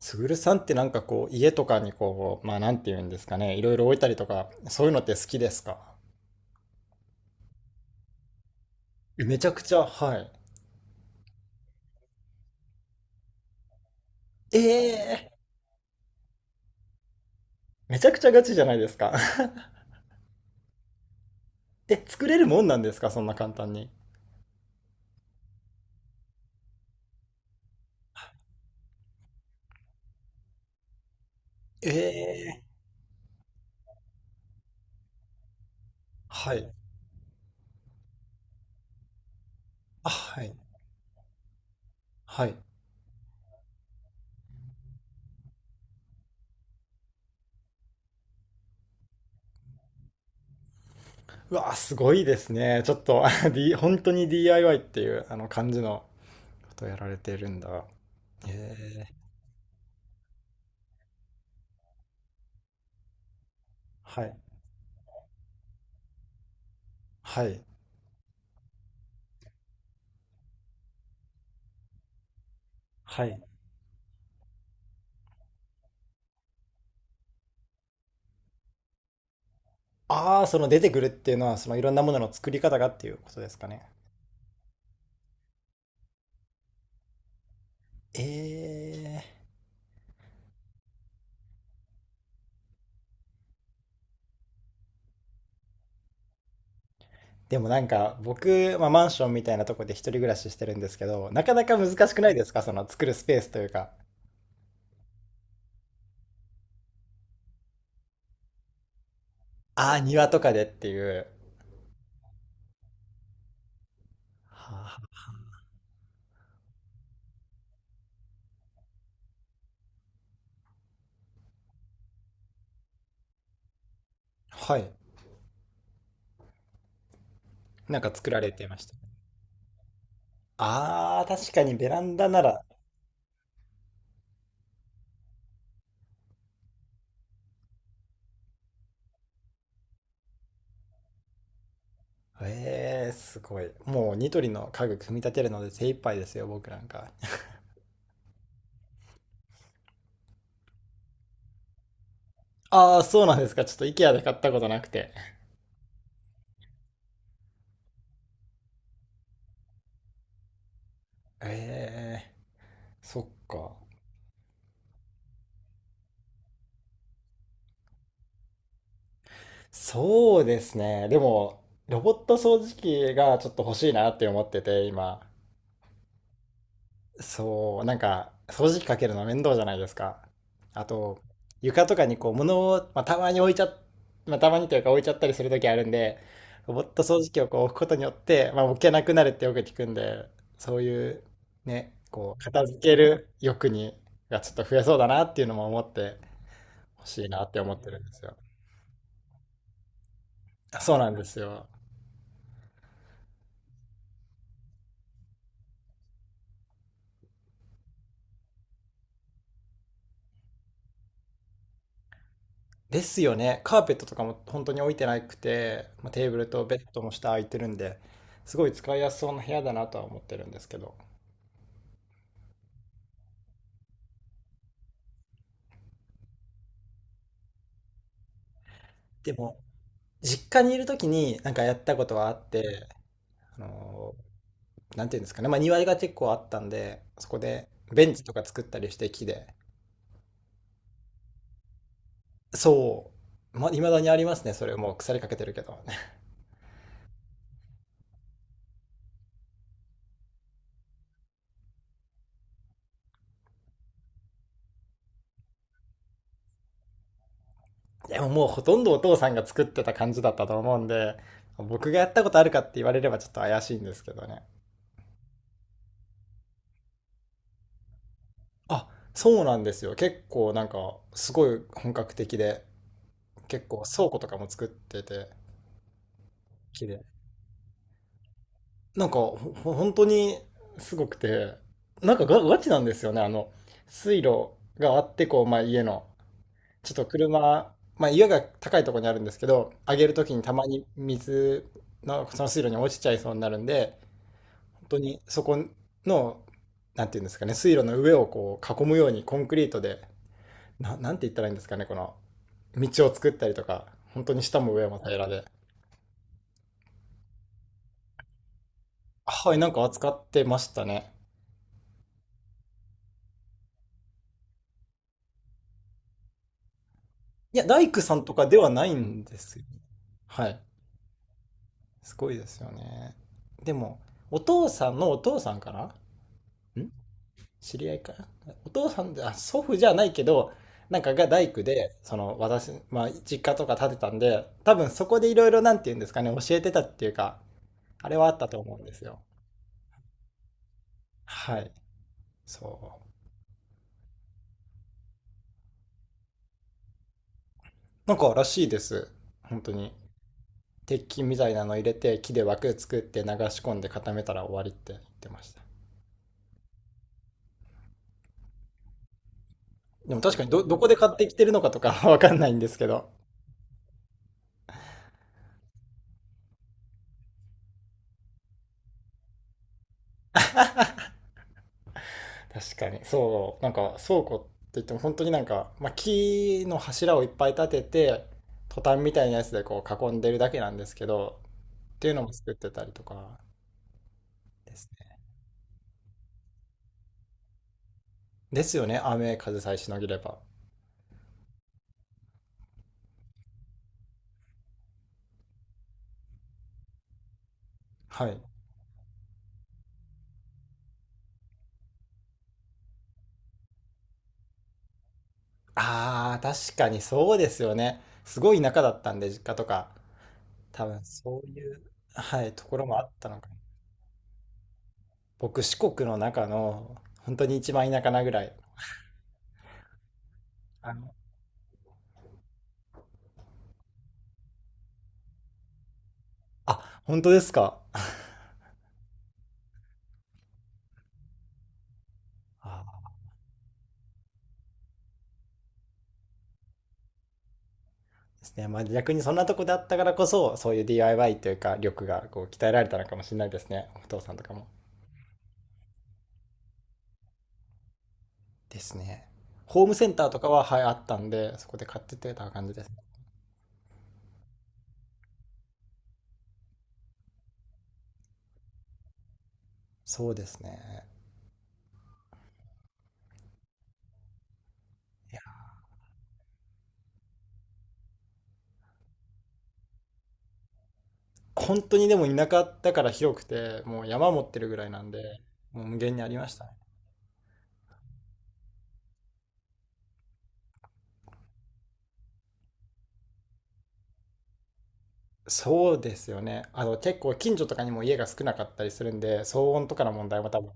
すぐるさんってなんかこう、家とかにこう、まあなんていうんですかね、いろいろ置いたりとか、そういうのって好きですか？めちゃくちゃ、はい。ええー。めちゃくちゃガチじゃないですか。え、作れるもんなんですかそんな簡単に。ええー。はい。あ、はい。はい。うわ、すごいですね。ちょっと、あ 本当に DIY っていうあの感じのことをやられてるんだ。ええ。はい。はい。はい。ああ、その出てくるっていうのは、そのいろんなものの作り方がっていうことですかね？えでもなんか僕、まあ、マンションみたいなとこで一人暮らししてるんですけど、なかなか難しくないですかその作るスペースというか？ああ、庭とかでっていう。はあ、はい。なんか作られてました？ああ、確かにベランダなら。えー、すごい。もうニトリの家具組み立てるので精一杯ですよ、僕なんか。ああ、そうなんですか。ちょっと IKEA で買ったことなくて。ええー、そっか。そうですね。でも、ロボット掃除機がちょっと欲しいなって思ってて、今。そう、なんか、掃除機かけるの面倒じゃないですか。あと、床とかにこう、物を、まあ、たまに置いちゃ、まあ、たまにというか置いちゃったりする時あるんで、ロボット掃除機をこう置くことによって、まあ、置けなくなるってよく聞くんで、そういう、ね、こう、片付ける欲がちょっと増えそうだなっていうのも思って、欲しいなって思ってるんですよ。あ、そうなんですよ。ですよね。カーペットとかも本当に置いてなくて、まあ、テーブルとベッドの下空いてるんで、すごい使いやすそうな部屋だなとは思ってるんですけど。でも、実家にいる時になんかやったことはあって、あのなんていうんですかね。まあ庭が結構あったんで、そこでベンチとか作ったりして木で。そう。未だにありますね。それもう腐りかけてるけど。でももうほとんどお父さんが作ってた感じだったと思うんで、僕がやったことあるかって言われればちょっと怪しいんですけどね。あ、そうなんですよ。結構なんか、すごい本格的で、結構倉庫とかも作ってて、綺麗。なんか、本当にすごくて、なんかガチなんですよね。水路があって、こう、まあ家の、ちょっと車、まあ家が高いところにあるんですけど、上げるときにたまにのその水路に落ちちゃいそうになるんで、本当にそこの、なんていうんですかね、水路の上をこう囲むようにコンクリートで、なんて言ったらいいんですかね、この、道を作ったりとか、本当に下も上も平らで。はい、なんか扱ってましたね。いや、大工さんとかではないんですよ。はい。すごいですよね。でも、お父さんのお父さんかな、ん、知り合いかな、お父さんで、あ、祖父じゃないけど、なんかが大工で、その私、まあ、実家とか建てたんで、多分そこでいろいろなんて言うんですかね、教えてたっていうか、あれはあったと思うんですよ。はい。そう。なんからしいです。本当に。鉄筋みたいなの入れて木で枠作って流し込んで固めたら終わりって言ってました。でも確かにどこで買ってきてるのかとかわかんないんですけど。確かに、そう、なんか倉庫って言っても本当になんか、まあ、木の柱をいっぱい立ててトタンみたいなやつでこう囲んでるだけなんですけどっていうのも作ってたりとか。ですね。ですよね、雨風さえしのげれば。はい。あー、確かにそうですよね。すごい田舎だったんで実家とか、多分そういう、はい、ところもあったのかな。僕、四国の中の、本当に一番田舎なぐらい。あの、あ、本当ですか。あー、ですね。まあ逆にそんなとこであったからこそ、そういう DIY というか、力がこう鍛えられたのかもしれないですね。お父さんとかも。ですね。ホームセンターとかは、はい、あったんで、そこで買ってってた感じですね。そうですね。いや、本当にでも田舎だから広くて、もう山持ってるぐらいなんで、もう無限にありましたね。そうですよね。結構近所とかにも家が少なかったりするんで、騒音とかの問題も多分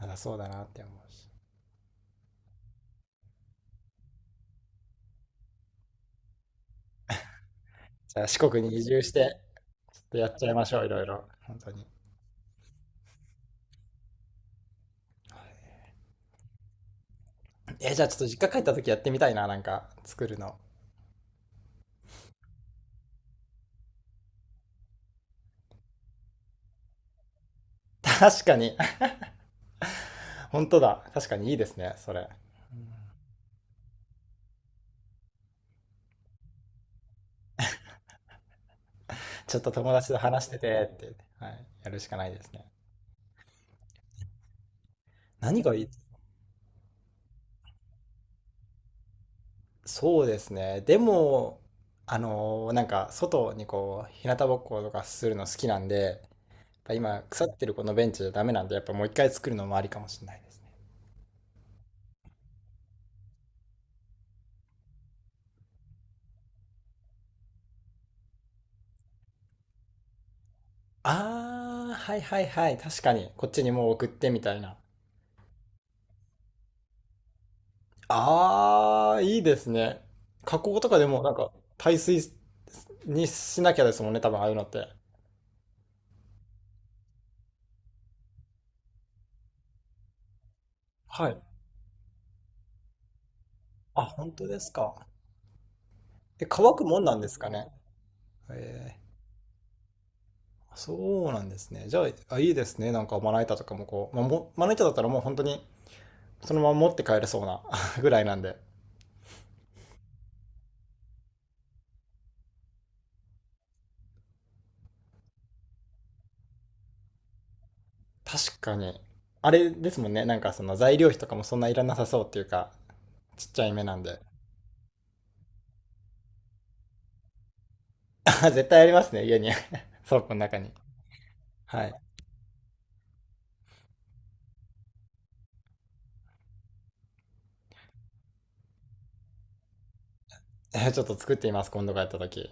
なさそうだなって思うし。じゃあ四国に移住して、ちょっとやっちゃいましょう、いろいろ。本当に。え、じゃあちょっと実家帰った時やってみたいな、なんか作るの。確かに、本当だ。確かにいいですね、それ。ちょっと友達と話しててって、はい、やるしかないですね。何がいい？そうですね。でも、なんか外にこう、日向ぼっことかするの好きなんで、今、腐ってるこのベンチじゃダメなんで、やっぱもう一回作るのもありかもしれないですね。あー、はいはいはい。確かに、こっちにもう送ってみたいな。あー、いいですね。加工とかでもなんか、耐水にしなきゃですもんね、多分ああいうのって。はい。あ、本当ですか。え、乾くもんなんですかね。えー、そうなんですね。じゃあ、あ、いいですね。なんかまな板とかもこう、まあ、まな板だったらもう本当にそのまま持って帰れそうな ぐらいなんで。確かに。あれですもんね。なんかその材料費とかもそんないらなさそうっていうか、ちっちゃい目なんで。あ、絶対ありますね、家に。倉庫の中に。はい。ちょっと作ってみます、今度帰った時。